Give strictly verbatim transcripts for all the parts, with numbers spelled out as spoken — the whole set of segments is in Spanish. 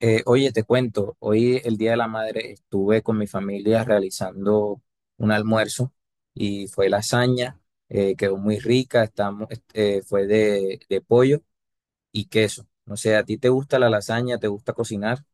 Eh, oye, te cuento, hoy el Día de la Madre estuve con mi familia realizando un almuerzo y fue lasaña. Eh, quedó muy rica, estamos, este, eh, fue de, de pollo y queso. No sé, ¿a ti te gusta la lasaña? ¿Te gusta cocinar?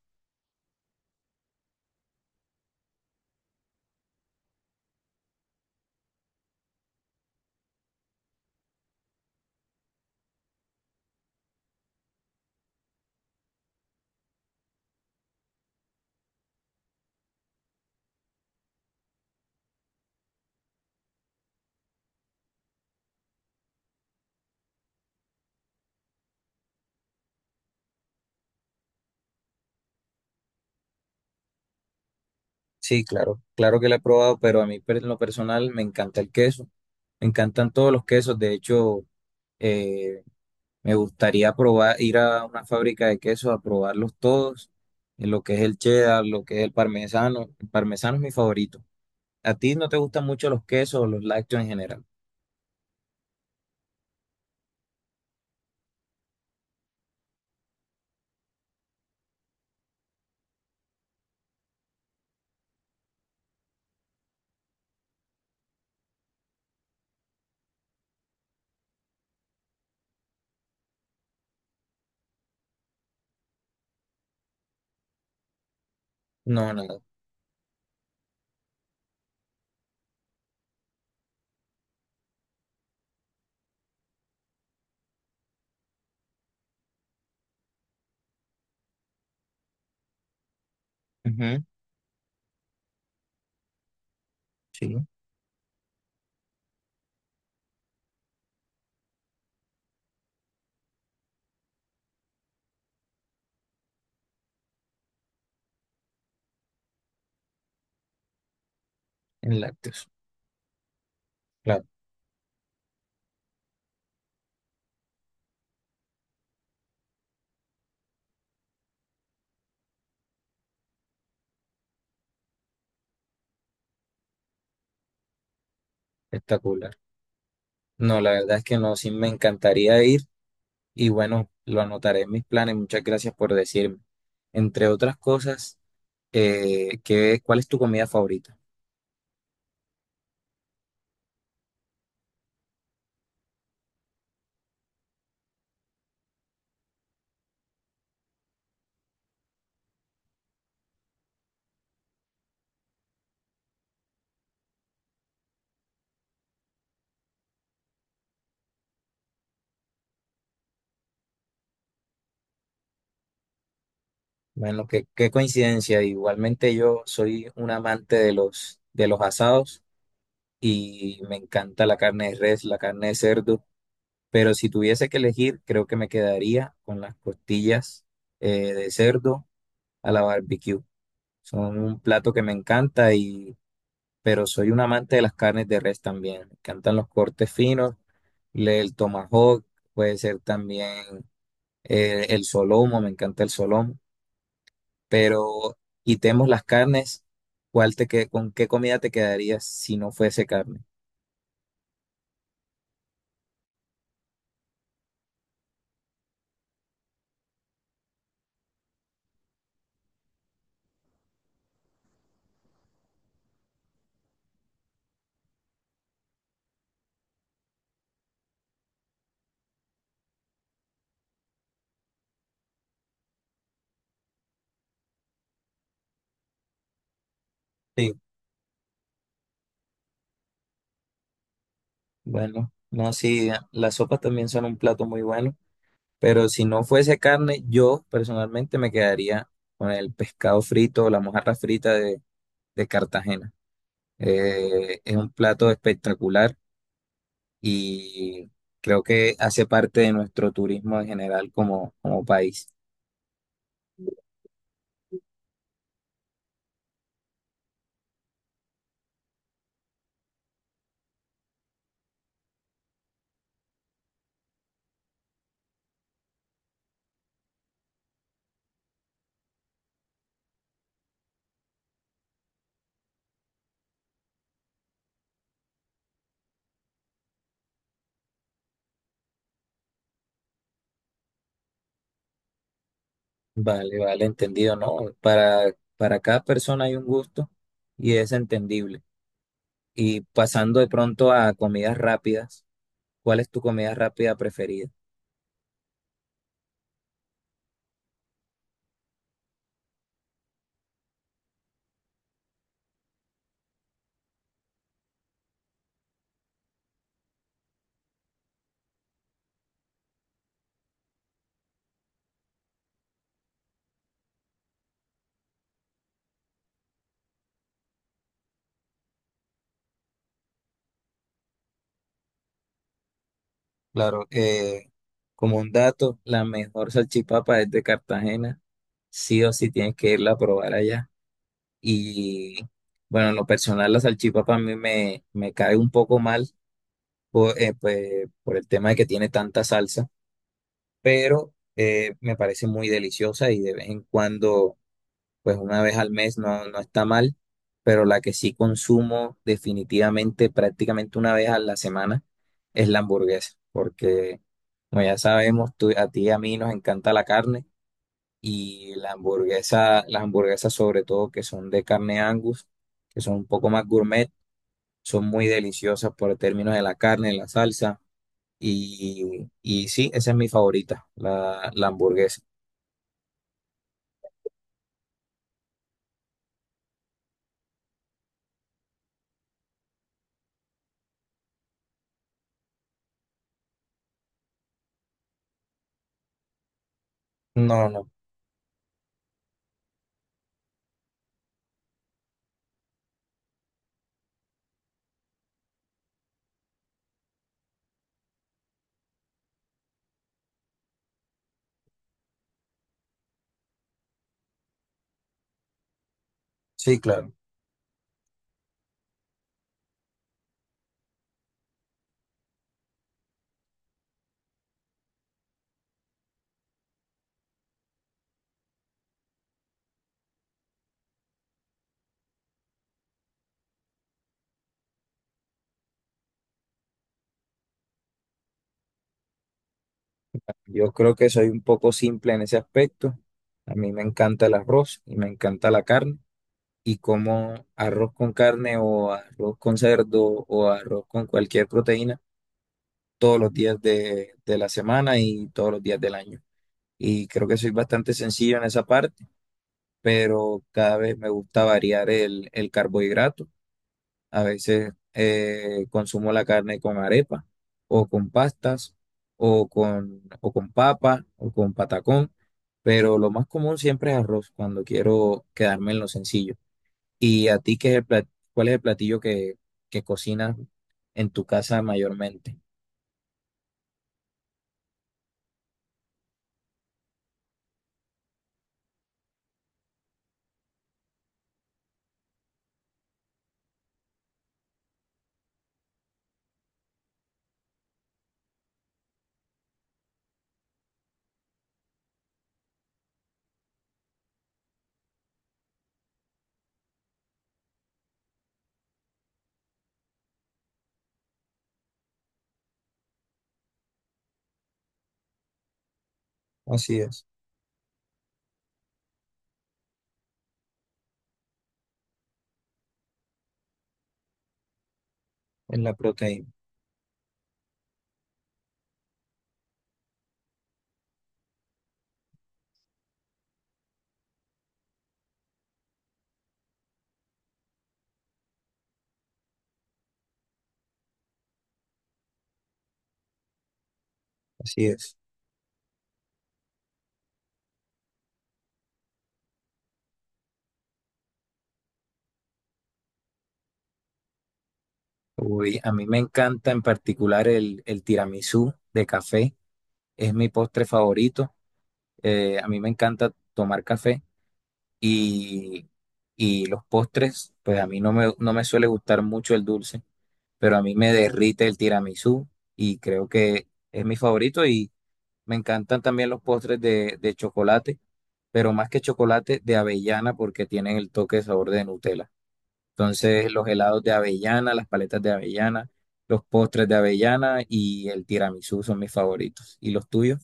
Sí, claro, claro que la he probado, pero a mí per- en lo personal me encanta el queso, me encantan todos los quesos, de hecho. Me gustaría probar, ir a una fábrica de queso a probarlos todos, en lo que es el cheddar, lo que es el parmesano. El parmesano es mi favorito. ¿A ti no te gustan mucho los quesos o los lácteos en general? No, nada. Ujú, sí, en lácteos. Claro, espectacular. No, la verdad es que no, sí me encantaría ir y bueno, lo anotaré en mis planes. Muchas gracias por decirme. Entre otras cosas, eh, ¿qué- cuál es tu comida favorita? Bueno, qué, qué coincidencia. Igualmente yo soy un amante de los, de los asados y me encanta la carne de res, la carne de cerdo, pero si tuviese que elegir, creo que me quedaría con las costillas eh, de cerdo a la barbecue. Son un plato que me encanta. Y, pero soy un amante de las carnes de res también. Me encantan los cortes finos, le- el tomahawk, puede ser también eh, el solomo, me encanta el solomo. Pero quitemos las carnes, ¿cuál te que, con qué comida te quedarías si no fuese carne? Sí, bueno, no, sí, las sopas también son un plato muy bueno, pero si no fuese carne, yo personalmente me quedaría con el pescado frito o la mojarra frita de, de Cartagena. Eh, es un plato espectacular y creo que hace parte de nuestro turismo en general como, como país. Vale, vale, entendido, ¿no? Para, para cada persona hay un gusto y es entendible. Y pasando de pronto a comidas rápidas, ¿cuál es tu comida rápida preferida? Claro, eh, como un dato, la mejor salchipapa es de Cartagena. Sí o sí tienes que irla a probar allá. Y bueno, en lo personal, la salchipapa a mí me, me cae un poco mal por, eh, pues, por el tema de que tiene tanta salsa, pero eh, me parece muy deliciosa y de vez en cuando pues una vez al mes no, no está mal, pero la que sí consumo definitivamente prácticamente una vez a la semana es la hamburguesa, porque como ya sabemos, tú- a ti y a mí nos encanta la carne y la hamburguesa, las hamburguesas sobre todo que son de carne Angus, que son un poco más gourmet, son muy deliciosas por términos de la carne, la salsa y, y sí, esa es mi favorita, la, la hamburguesa. No, no, sí, claro. Yo creo que soy un poco simple en ese aspecto. A mí me encanta el arroz y me encanta la carne. Y como arroz con carne o arroz con cerdo o arroz con cualquier proteína todos los días de, de la semana y todos los días del año. Y creo que soy bastante sencillo en esa parte, pero cada vez me gusta variar el, el carbohidrato a veces eh, consumo la carne con arepa o con pastas o con, o con papa o con patacón, pero lo más común siempre es arroz cuando quiero quedarme en lo sencillo. ¿Y a ti qué es el plat- cuál es el platillo que, que cocinas en tu casa mayormente? Así es, en la proteína, así es. Uy, a mí me encanta en particular el, el tiramisú de café, es mi postre favorito. Eh, a mí me encanta tomar café y, y los postres, pues a mí no me, no me suele gustar mucho el dulce, pero a mí me derrite el tiramisú y creo que es mi favorito y me encantan también los postres de, de chocolate, pero más que chocolate de avellana porque tienen el toque de sabor de Nutella. Entonces los helados de avellana, las paletas de avellana, los postres de avellana y el tiramisú son mis favoritos. ¿Y los tuyos?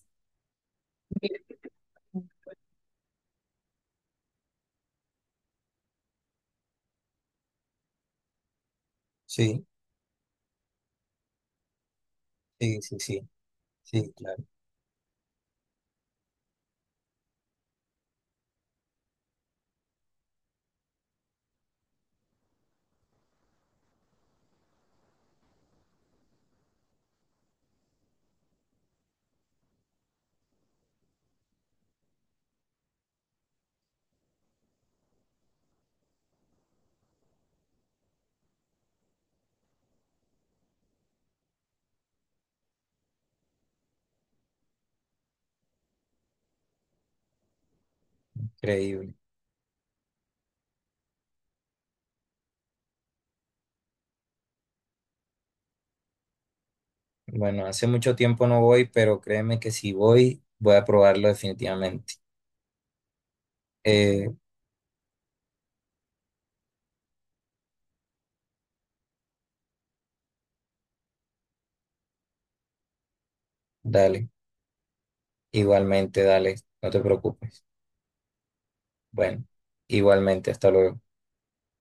Sí, sí, sí, sí, sí, claro, increíble. Bueno, hace mucho tiempo no voy, pero créeme que si voy, voy a probarlo definitivamente. Eh, Dale, igualmente, dale, no te preocupes. Bueno, igualmente, hasta luego.